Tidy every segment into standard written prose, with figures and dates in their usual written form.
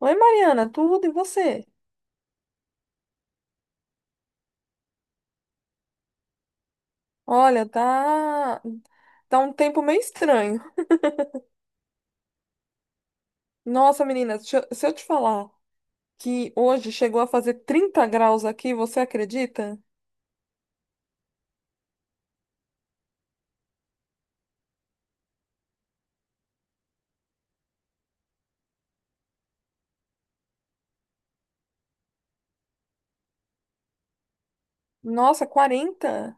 Oi, Mariana, tudo e você? Olha, tá um tempo meio estranho. Nossa, menina, se eu te falar que hoje chegou a fazer 30 graus aqui, você acredita? Nossa, 40.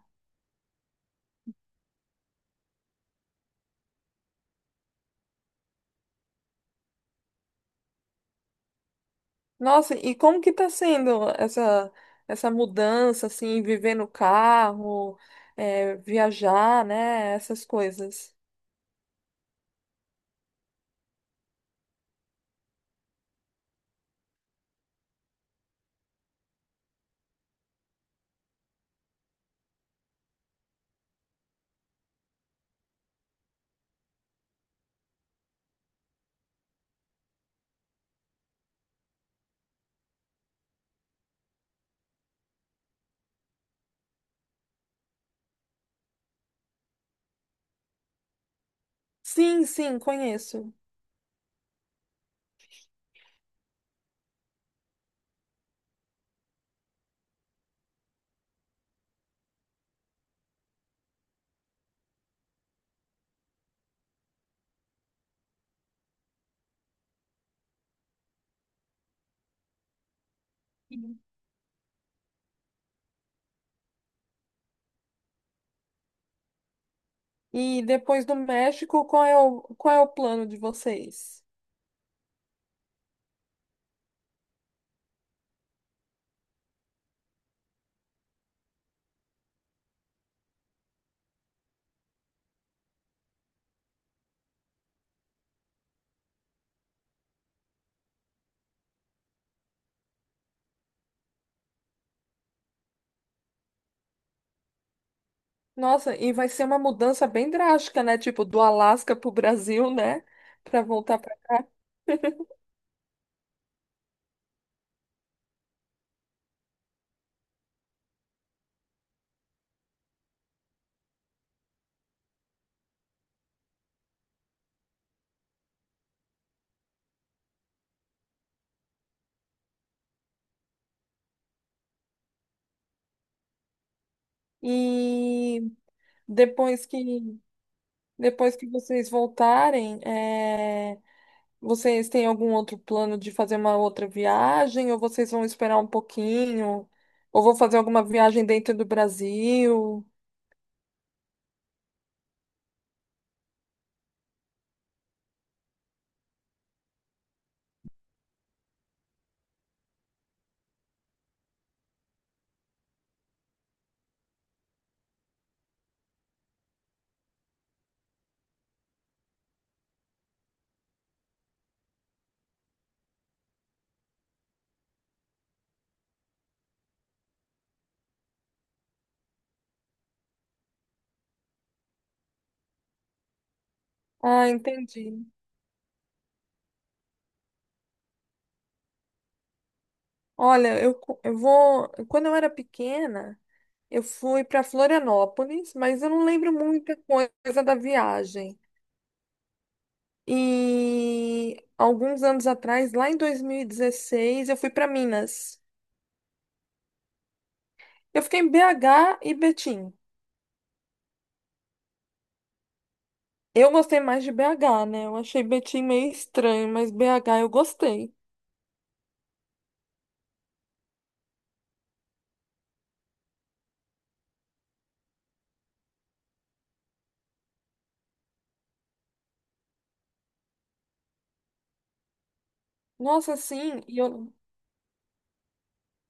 Nossa, e como que tá sendo essa mudança assim, viver no carro, é, viajar, né, essas coisas? Sim, sim, conheço. E depois do México, qual é o plano de vocês? Nossa, e vai ser uma mudança bem drástica, né? Tipo, do Alasca pro Brasil, né? Pra voltar pra cá. E depois que depois que vocês voltarem, é, vocês têm algum outro plano de fazer uma outra viagem? Ou vocês vão esperar um pouquinho? Ou vão fazer alguma viagem dentro do Brasil? Ah, entendi. Olha, eu vou. Quando eu era pequena. Eu fui para Florianópolis, mas eu não lembro muita coisa da viagem. E alguns anos atrás, lá em 2016, eu fui para Minas. Eu fiquei em BH e Betim. Eu gostei mais de BH, né? Eu achei Betim meio estranho, mas BH eu gostei. Nossa, assim, e eu,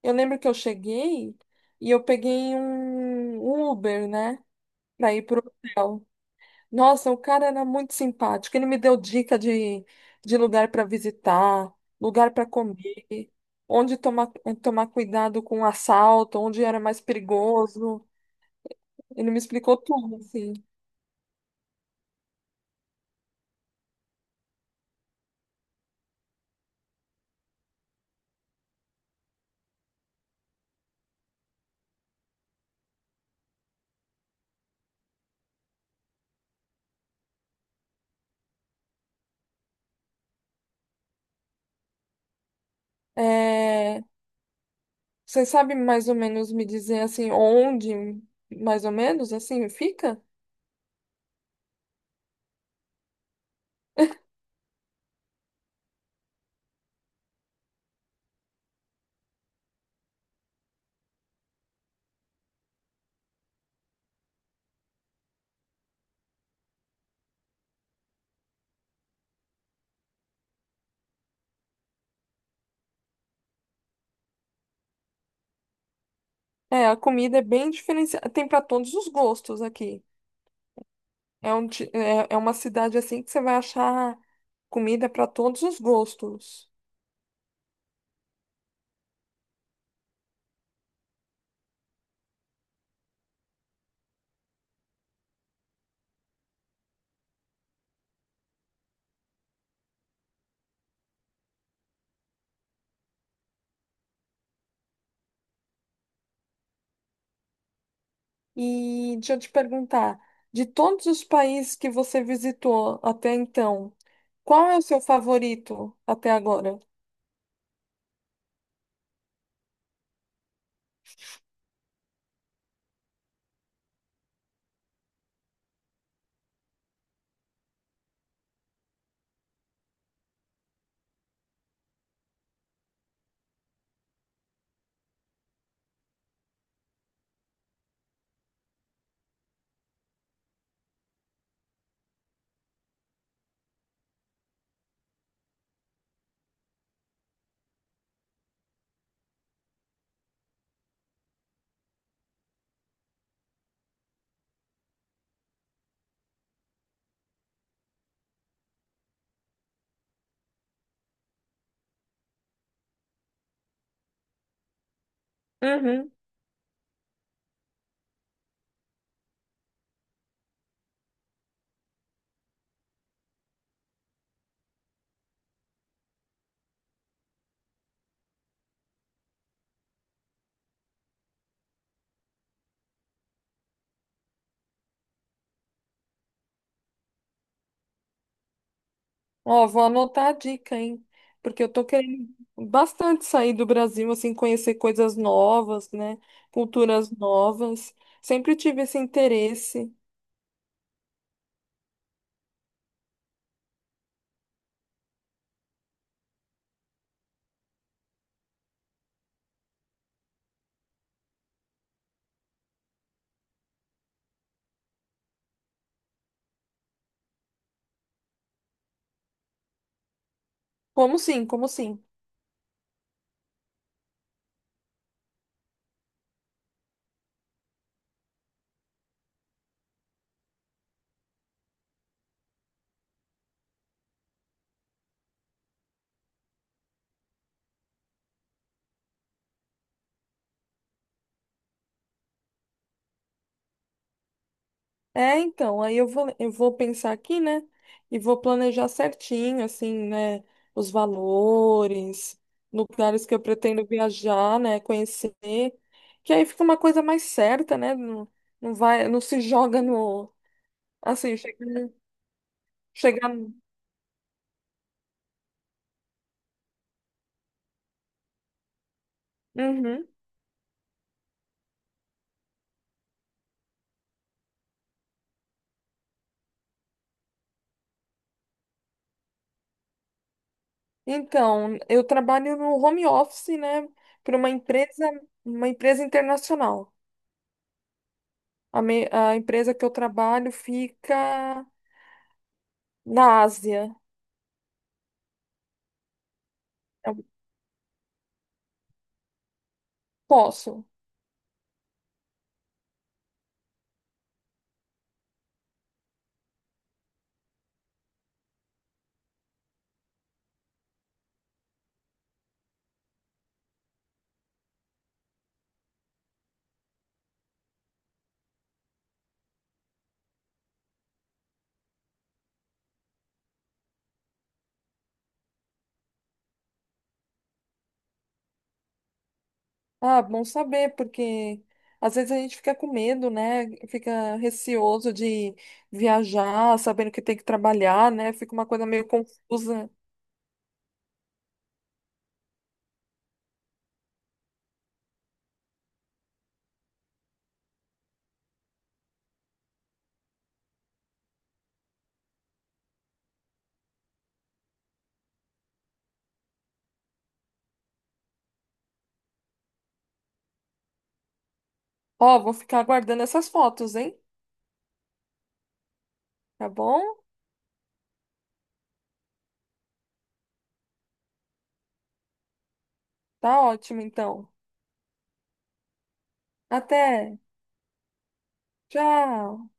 eu lembro que eu cheguei e eu peguei um Uber, né? Pra ir pro hotel. Nossa, o cara era muito simpático. Ele me deu dica de lugar para visitar, lugar para comer, onde tomar, tomar cuidado com o assalto, onde era mais perigoso. Ele me explicou tudo, assim. É, você sabe mais ou menos me dizer, assim, onde, mais ou menos, assim, fica? É, a comida é bem diferenciada. Tem para todos os gostos aqui. É, uma cidade, assim, que você vai achar comida para todos os gostos. E deixa eu te perguntar, de todos os países que você visitou até então, qual é o seu favorito até agora? Uhum. Ó, vou anotar a dica, hein? Porque eu tô querendo bastante sair do Brasil, assim, conhecer coisas novas, né? Culturas novas. Sempre tive esse interesse. Como sim, como sim. É, então, aí eu vou pensar aqui, né? E vou planejar certinho, assim, né? Os valores, lugares que eu pretendo viajar, né? Conhecer. Que aí fica uma coisa mais certa, né? Não, não vai, não se joga no. Assim, chegar. Uhum. Então, eu trabalho no home office, né? Para uma empresa, internacional. A empresa que eu trabalho fica na Ásia. Eu posso. Ah, bom saber, porque às vezes a gente fica com medo, né? Fica receoso de viajar, sabendo que tem que trabalhar, né? Fica uma coisa meio confusa. Ó, vou ficar aguardando essas fotos, hein? Tá bom? Tá ótimo, então. Até. Tchau.